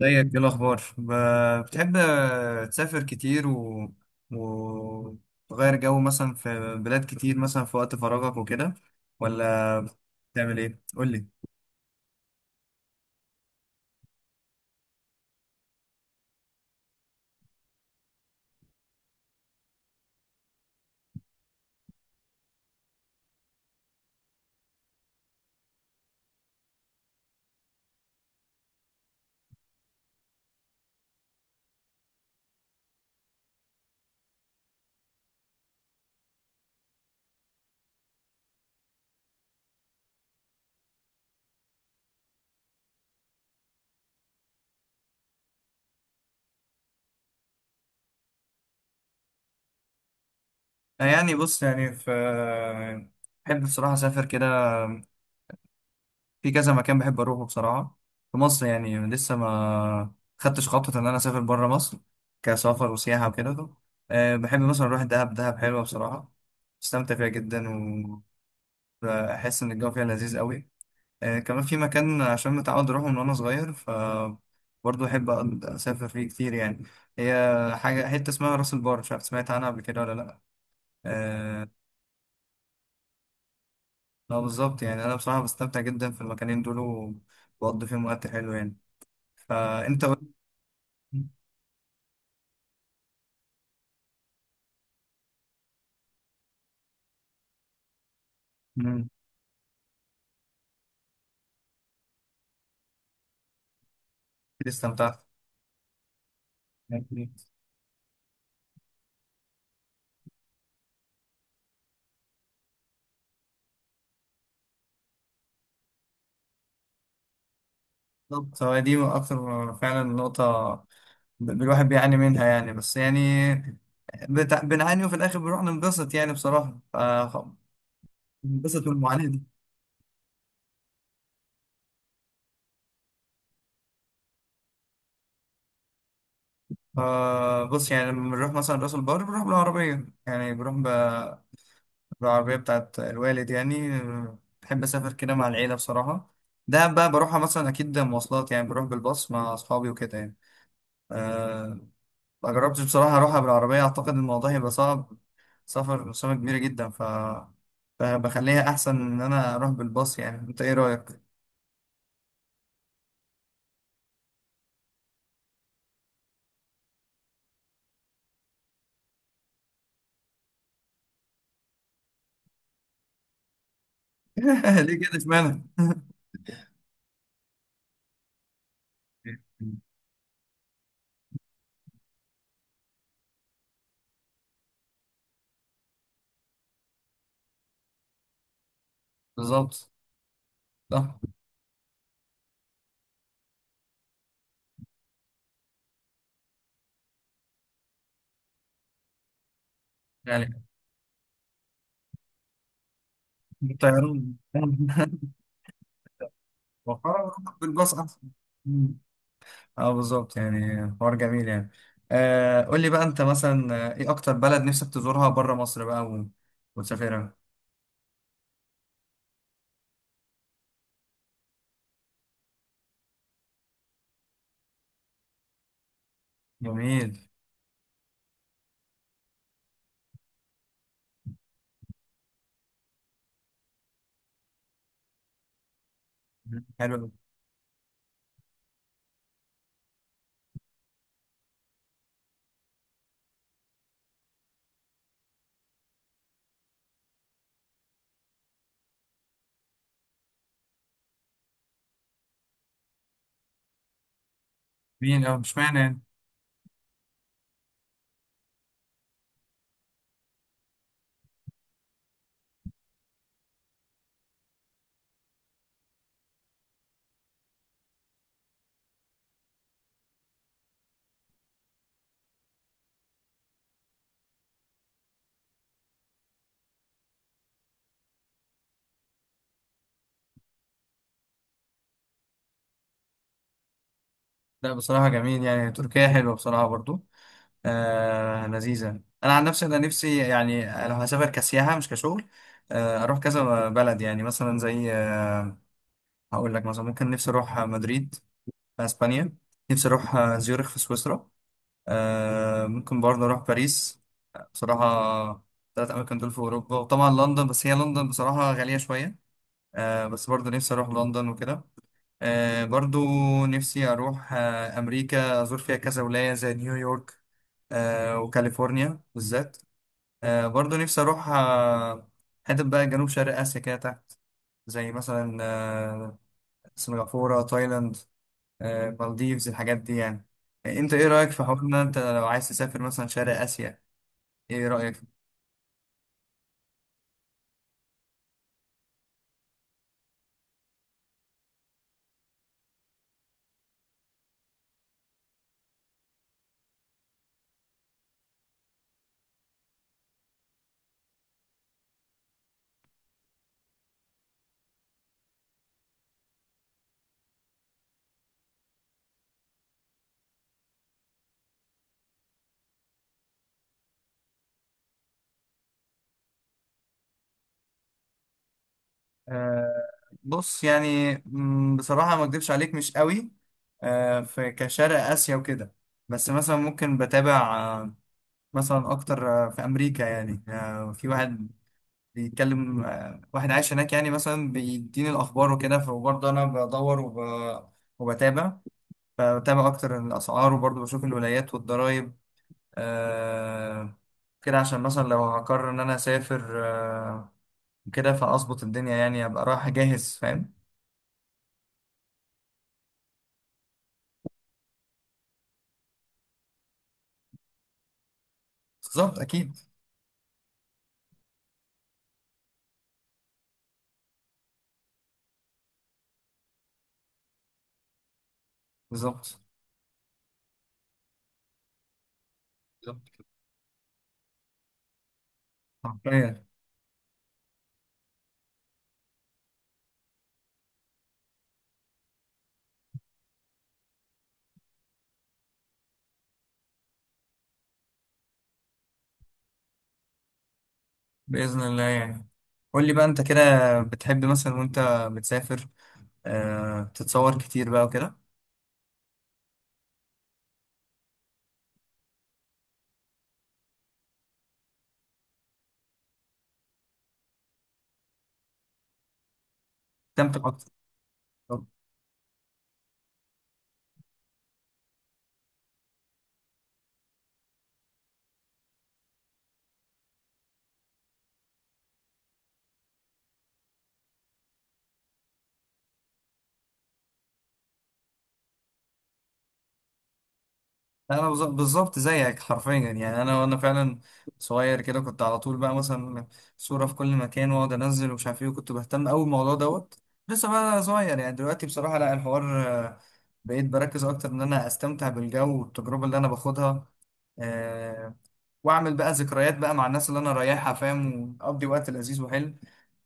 زيك، ايه الاخبار؟ بتحب تسافر كتير وتغير جو مثلا في بلاد كتير، مثلا في وقت فراغك وكده، ولا بتعمل ايه؟ قول لي. يعني بص، يعني في. بحب بصراحة اسافر كده، في كذا مكان بحب اروحه بصراحة، في مصر. يعني لسه ما خدتش خطوة ان انا اسافر بره مصر كسفر وسياحة وكده. بحب مثلا اروح دهب. دهب حلوة بصراحة، استمتع فيها جدا، وبحس ان الجو فيها لذيذ قوي. كمان في مكان عشان متعود أروحه من وأنا صغير، ف برضه أحب أقعد أسافر فيه كتير يعني. هي حاجة، حتة اسمها راس البر، مش عارف سمعت عنها قبل كده ولا لأ؟ آه، لا، بالظبط. يعني أنا بصراحة بستمتع جدا في المكانين دول، وبقضي فيهم وقت حلو يعني. فأنت بقى- مم، كتير استمتعت. بالظبط، هو دي أكتر فعلا نقطة. الواحد بيعاني منها يعني، بس يعني بنعاني وفي الآخر بنروح ننبسط، يعني بصراحة بننبسط من المعاناة. بص، يعني لما بنروح مثلا راس البر بنروح بالعربية، يعني بالعربية بتاعت الوالد يعني. بحب أسافر كده مع العيلة بصراحة. ده بقى بروحها مثلا أكيد مواصلات، يعني بروح بالباص مع أصحابي وكده يعني. آه ما جربتش بصراحة أروحها بالعربية، أعتقد الموضوع هيبقى صعب، سفر مسافة كبيرة جدا، فبخليها أحسن إن أنا أروح بالباص. يعني أنت إيه رأيك؟ ليه كده إشمعنى؟ بالظبط، صح. يعني الطيران وحوار بالباص احسن. مم. اه، بالظبط، يعني حوار جميل يعني. قول لي بقى انت مثلا، ايه اكتر بلد نفسك تزورها بره مصر بقى وتسافرها؟ جميل. مم. حلو أوي. جميل. اه، مش معنى يعني. لا، بصراحة جميل. يعني تركيا حلوة بصراحة برضو، لذيذة. انا عن نفسي، انا نفسي يعني لو هسافر كسياحة مش كشغل، اروح كذا بلد، يعني مثلا زي آه هقول لك مثلا، ممكن نفسي اروح مدريد في اسبانيا. نفسي اروح زيورخ في سويسرا. ممكن برضه أروح باريس بصراحة. تلات أماكن دول في أوروبا، وطبعا لندن، بس هي لندن بصراحة غالية شوية. بس برضه نفسي أروح لندن وكده. برضه نفسي أروح أمريكا، أزور فيها كذا ولاية زي نيويورك وكاليفورنيا بالذات. برضه نفسي أروح حتة بقى جنوب شرق آسيا كده تحت، زي مثلا سنغافورة، تايلاند، مالديفز، الحاجات دي يعني. انت ايه رأيك في حوارنا، انت لو عايز تسافر مثلا شرق آسيا، ايه رأيك؟ آه بص، يعني بصراحة ما اكدبش عليك، مش قوي في كشرق آسيا وكده. بس مثلا ممكن بتابع، مثلا اكتر، في امريكا. يعني في واحد بيتكلم، واحد عايش هناك يعني، مثلا بيديني الاخبار وكده. فبرضه انا بدور وبتابع، فبتابع اكتر الاسعار وبرضه بشوف الولايات والضرايب. آه كده، عشان مثلا لو هقرر ان انا اسافر كده، فاظبط الدنيا يعني، ابقى رايح جاهز فاهم. بالظبط، اكيد. بالظبط. بالظبط كده. حرفيا. باذن الله يعني. قول لي بقى انت كده، بتحب مثلا وانت بتسافر تتصور كتير بقى وكده؟ تمتع اكتر. بالظبط زيك حرفيا يعني. انا وانا فعلا صغير كده، كنت على طول بقى مثلا صورة في كل مكان، واقعد انزل ومش عارف ايه، وكنت بهتم قوي بالموضوع دوت لسه بقى صغير يعني. دلوقتي بصراحة لا، الحوار بقيت بركز اكتر ان انا استمتع بالجو والتجربة اللي انا باخدها، آه، واعمل بقى ذكريات بقى مع الناس اللي انا رايحها فاهم، واقضي وقت لذيذ وحلو.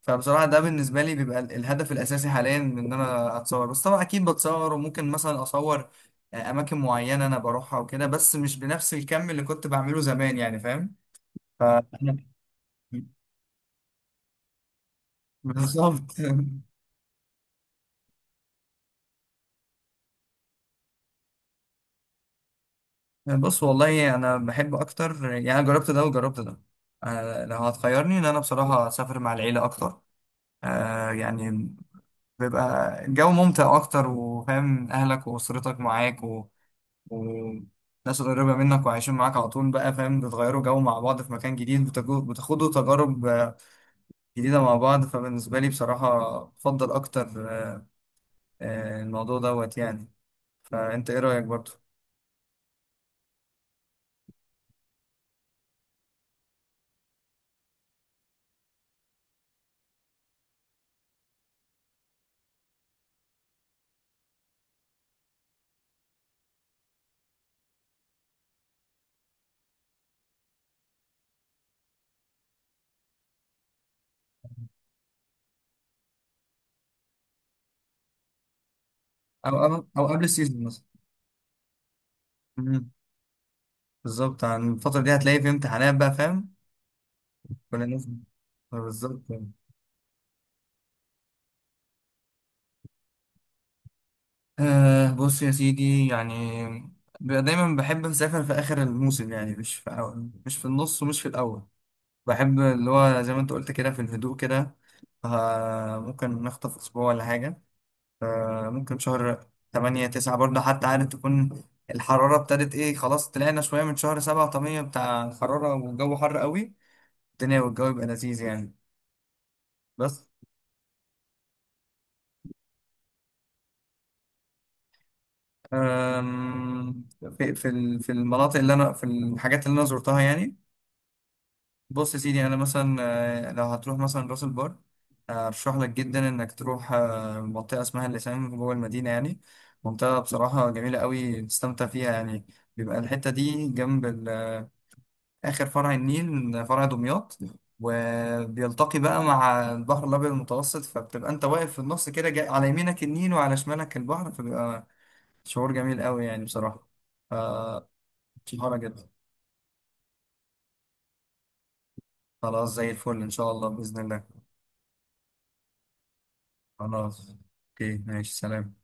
فبصراحه ده بالنسبه لي بيبقى الهدف الاساسي حاليا من ان انا اتصور. بس طبعا اكيد بتصور، وممكن مثلا اصور اماكن معينه انا بروحها وكده، بس مش بنفس الكم اللي كنت بعمله زمان يعني فاهم. فأنا- بالظبط. بص، والله انا بحب اكتر يعني. أنا جربت ده وجربت ده. لو هتخيرني، ان انا بصراحه اسافر مع العيله اكتر. يعني بيبقى الجو ممتع أكتر، وفاهم أهلك وأسرتك معاك وناس قريبة منك وعايشين معاك على طول بقى فاهم، بتغيروا جو مع بعض في مكان جديد، بتاخدوا تجارب جديدة مع بعض. فبالنسبة لي بصراحة بفضل أكتر، الموضوع دوت يعني. فأنت إيه رأيك برضه؟ أو قبل السيزون مثلا. مم. بالظبط، عن الفترة دي هتلاقي في امتحانات بقى فاهم؟ كل الناس. بالظبط. أه، بص يا سيدي يعني. دايما بحب أسافر في آخر الموسم، يعني مش في أول، مش في النص، ومش في الأول. بحب اللي هو زي ما أنت قلت كده، في الهدوء كده. أه ممكن نخطف أسبوع ولا حاجة. أه ممكن شهر 8 9 برضه، حتى عارف تكون الحرارة ابتدت إيه، خلاص طلعنا شوية من شهر 7، طبيعي بتاع الحرارة والجو حر قوي، الدنيا والجو يبقى لذيذ يعني. بس، أم، في في المناطق اللي أنا في، الحاجات اللي أنا زرتها يعني. بص يا سيدي، انا مثلا لو هتروح مثلا راس البر، ارشح لك جدا انك تروح منطقه اسمها اللسان جوه المدينه يعني. منطقه بصراحه جميله قوي، تستمتع فيها يعني. بيبقى الحته دي جنب اخر فرع النيل، فرع دمياط، وبيلتقي بقى مع البحر الابيض المتوسط، فبتبقى انت واقف في النص كده، على يمينك النيل وعلى شمالك البحر، فبيبقى شعور جميل قوي يعني بصراحه. ف- شهاره جدا. خلاص، زي الفل، ان شاء الله، باذن الله. خلاص، اوكي، ماشي. سلام.